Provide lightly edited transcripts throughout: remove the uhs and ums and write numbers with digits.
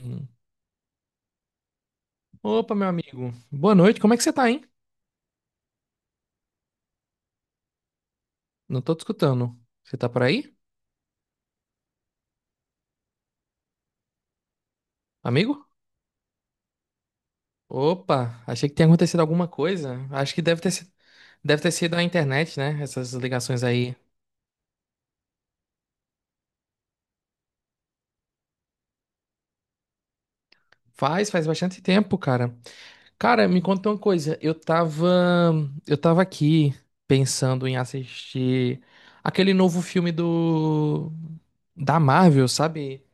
Hum. Opa, meu amigo. Boa noite. Como é que você tá, hein? Não tô te escutando. Você tá por aí, amigo? Opa, achei que tinha acontecido alguma coisa. Acho que deve ter sido a internet, né? Essas ligações aí. Faz bastante tempo, cara. Cara, me conta uma coisa. Eu tava aqui pensando em assistir aquele novo filme do da Marvel, sabe?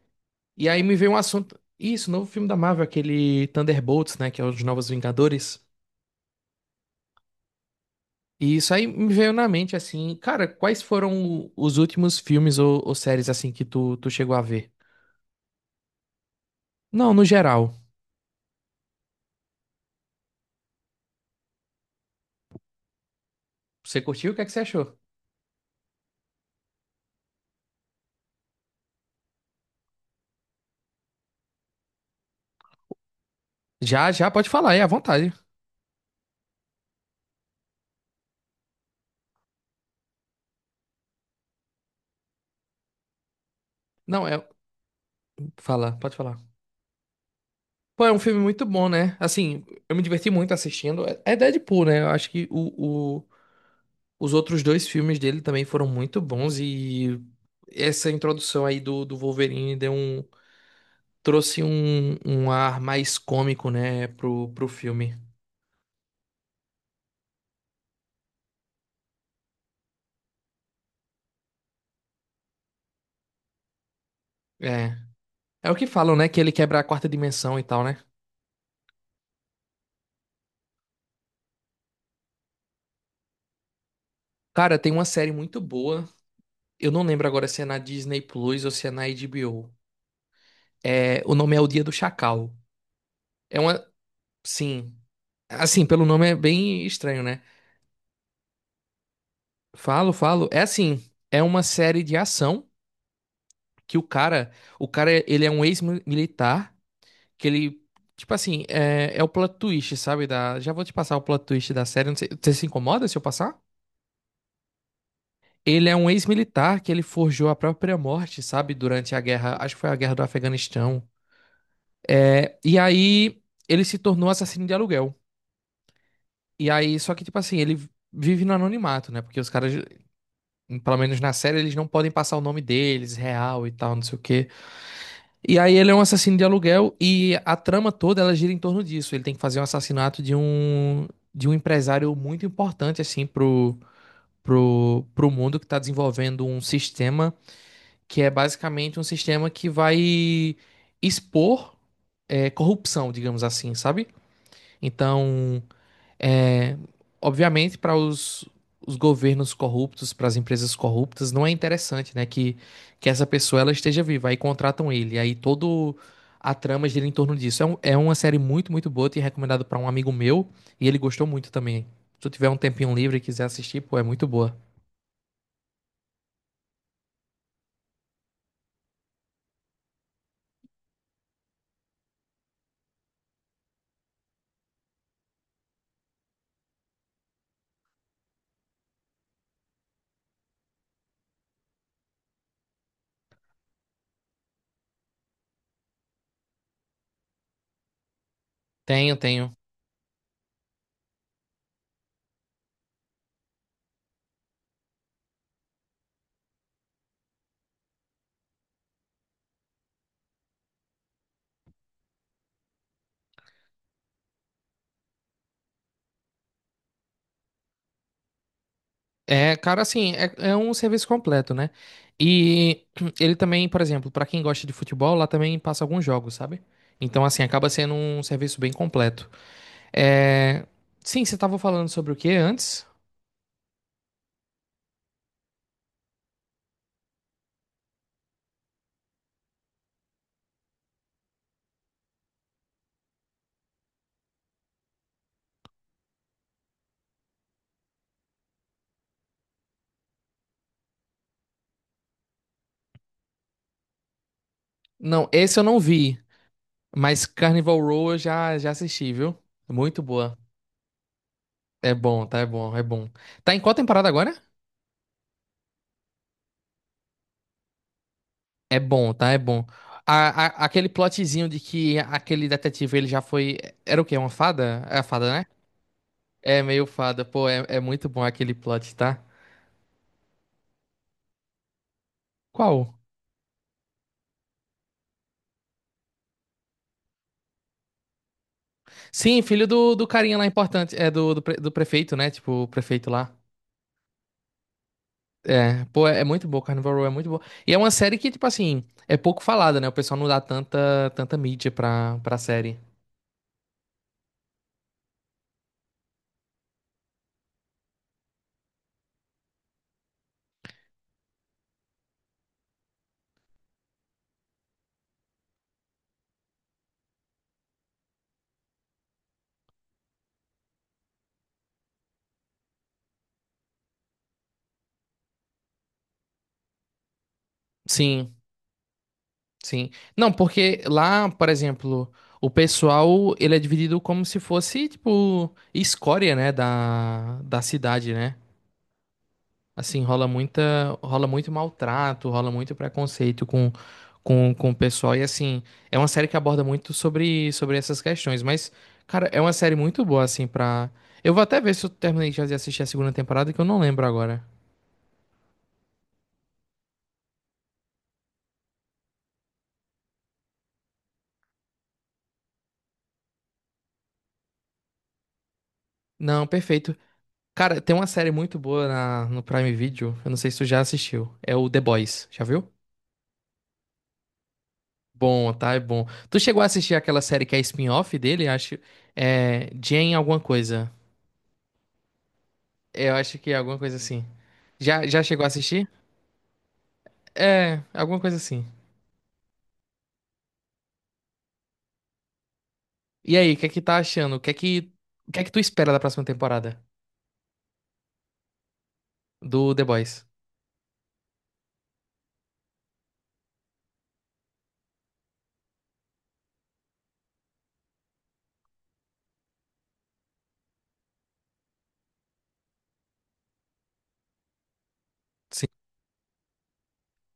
E aí me veio um assunto. Isso, novo filme da Marvel, aquele Thunderbolts, né? Que é os Novos Vingadores. E isso aí me veio na mente assim, cara, quais foram os últimos filmes ou séries assim que tu chegou a ver? Não, no geral. Você curtiu? O que é que você achou? Já, já, pode falar, é à vontade. Não, é. Fala, pode falar. Pô, é um filme muito bom, né? Assim, eu me diverti muito assistindo. É Deadpool, né? Eu acho que os outros dois filmes dele também foram muito bons e essa introdução aí do Wolverine trouxe um, um ar mais cômico, né, pro filme. É. É o que falam, né? Que ele quebra a quarta dimensão e tal, né? Cara, tem uma série muito boa. Eu não lembro agora se é na Disney Plus ou se é na HBO. É, o nome é O Dia do Chacal. É uma. Sim. Assim, pelo nome é bem estranho, né? Falo, falo. É assim. É uma série de ação que o cara. O cara, ele é um ex-militar. Que ele. Tipo assim, é o plot twist, sabe? Da, já vou te passar o plot twist da série. Não sei- você se incomoda se eu passar? Ele é um ex-militar que ele forjou a própria morte, sabe? Durante a guerra, acho que foi a guerra do Afeganistão. É, e aí ele se tornou assassino de aluguel. E aí, só que, tipo assim, ele vive no anonimato, né? Porque os caras, pelo menos na série, eles não podem passar o nome deles, real e tal, não sei o quê. E aí ele é um assassino de aluguel e a trama toda ela gira em torno disso. Ele tem que fazer um assassinato de um empresário muito importante, assim, pro mundo que tá desenvolvendo um sistema que é basicamente um sistema que vai expor corrupção, digamos assim, sabe? Então, é, obviamente, para os governos corruptos, para as empresas corruptas, não é interessante, né, que essa pessoa ela esteja viva. Aí contratam ele, aí todo a trama gira em torno disso. É uma série muito, muito boa, te recomendado para um amigo meu e ele gostou muito também. Se tu tiver um tempinho livre e quiser assistir, pô, é muito boa. Tenho, tenho. É, cara, assim, é um serviço completo, né? E ele também, por exemplo, pra quem gosta de futebol, lá também passa alguns jogos, sabe? Então, assim, acaba sendo um serviço bem completo. É... Sim, você tava falando sobre o que antes? Não, esse eu não vi, mas Carnival Row eu já assisti, viu? Muito boa. É bom, tá? É bom, é bom. Tá em qual temporada agora? É bom, tá? É bom. Aquele plotzinho de que aquele detetive ele já foi. Era o quê? Uma fada? É a fada, né? É meio fada, pô, é muito bom aquele plot, tá? Qual? Sim, filho do carinha lá importante, é do prefeito, né? Tipo, o prefeito lá. É, pô, é muito boa, Carnival Row é muito boa. E é uma série que, tipo assim, é pouco falada, né? O pessoal não dá tanta mídia pra série. Sim, sim. Não, porque lá, por exemplo, o pessoal, ele é dividido como se fosse, tipo, escória, né? Da cidade, né? Assim, rola muito maltrato, rola muito preconceito com o pessoal. E assim, é uma série que aborda muito sobre essas questões. Mas, cara, é uma série muito boa, assim, pra. Eu vou até ver se eu terminei já de assistir a segunda temporada, que eu não lembro agora. Não, perfeito. Cara, tem uma série muito boa no Prime Video. Eu não sei se tu já assistiu. É o The Boys. Já viu? Bom, tá? É bom. Tu chegou a assistir aquela série que é spin-off dele? Acho. É. Jane alguma coisa. Eu acho que é alguma coisa assim. Já, já chegou a assistir? É, alguma coisa assim. E aí, o que é que tá achando? O que é que tu espera da próxima temporada do The Boys? Sim.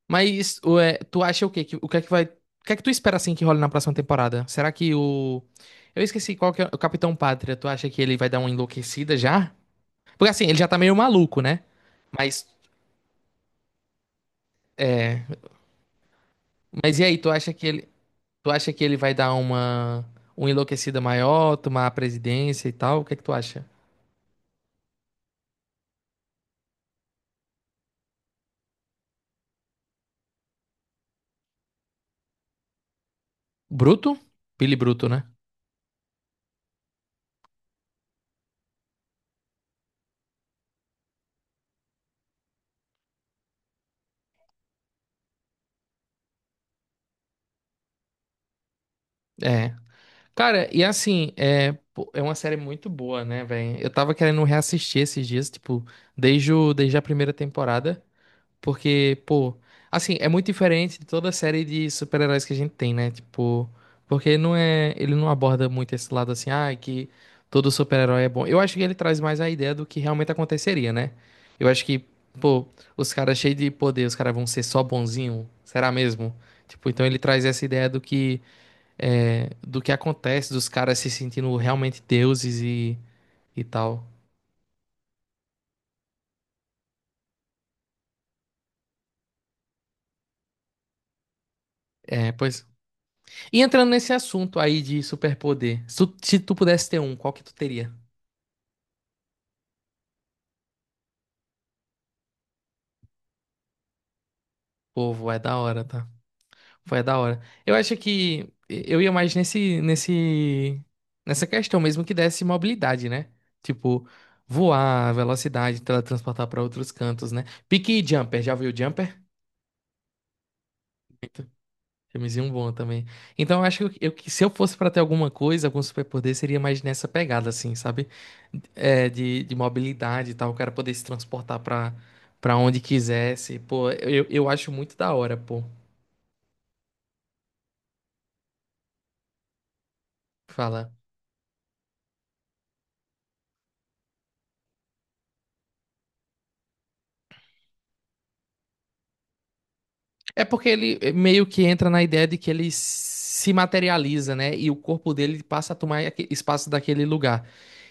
Mas o, é, tu acha o quê? Que- o que é que tu espera assim que role na próxima temporada? Será que o eu esqueci qual que é o Capitão Pátria. Tu acha que ele vai dar uma enlouquecida já? Porque assim, ele já tá meio maluco, né? Mas é, e aí, tu acha que ele, tu acha que ele vai dar uma enlouquecida maior, tomar a presidência e tal? O que é que tu acha? Bruto? Billy Bruto, né? É. Cara, e assim, pô, é uma série muito boa, né, velho? Eu tava querendo reassistir esses dias, tipo, desde, o, desde a primeira temporada. Porque, pô, assim, é muito diferente de toda a série de super-heróis que a gente tem, né? Tipo, porque não é, ele não aborda muito esse lado assim, ah, que todo super-herói é bom. Eu acho que ele traz mais a ideia do que realmente aconteceria, né? Eu acho que, pô, os caras cheios de poder, os caras vão ser só bonzinho, será mesmo? Tipo, então ele traz essa ideia do que do que acontece, dos caras se sentindo realmente deuses e tal. É, pois e entrando nesse assunto aí de superpoder, se tu pudesse ter um, qual que tu teria? Povo, é da hora, tá? Foi da hora. Eu acho que eu ia mais nessa questão mesmo que desse mobilidade, né? Tipo, voar, velocidade, teletransportar pra outros cantos, né? Pique e Jumper, já viu Jumper? Filmezinho bom também. Então, eu acho que eu, que se eu fosse pra ter alguma coisa, algum superpoder, seria mais nessa pegada, assim, sabe? É, de mobilidade e tal, o cara poder se transportar pra onde quisesse. Pô, eu acho muito da hora, pô. Fala. É porque ele meio que entra na ideia de que ele se materializa, né? E o corpo dele passa a tomar aque- espaço daquele lugar.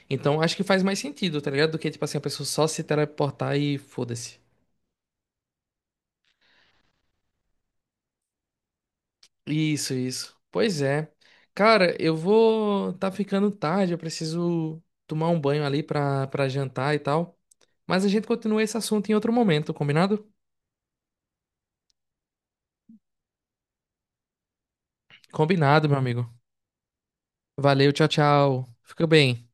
Então, acho que faz mais sentido, tá ligado? Do que, tipo assim, a pessoa só se teleportar e foda-se. Isso, isso. Pois é. Cara, eu vou. Tá ficando tarde, eu preciso tomar um banho ali pra jantar e tal. Mas a gente continua esse assunto em outro momento, combinado? Combinado, meu amigo. Valeu, tchau, tchau. Fica bem.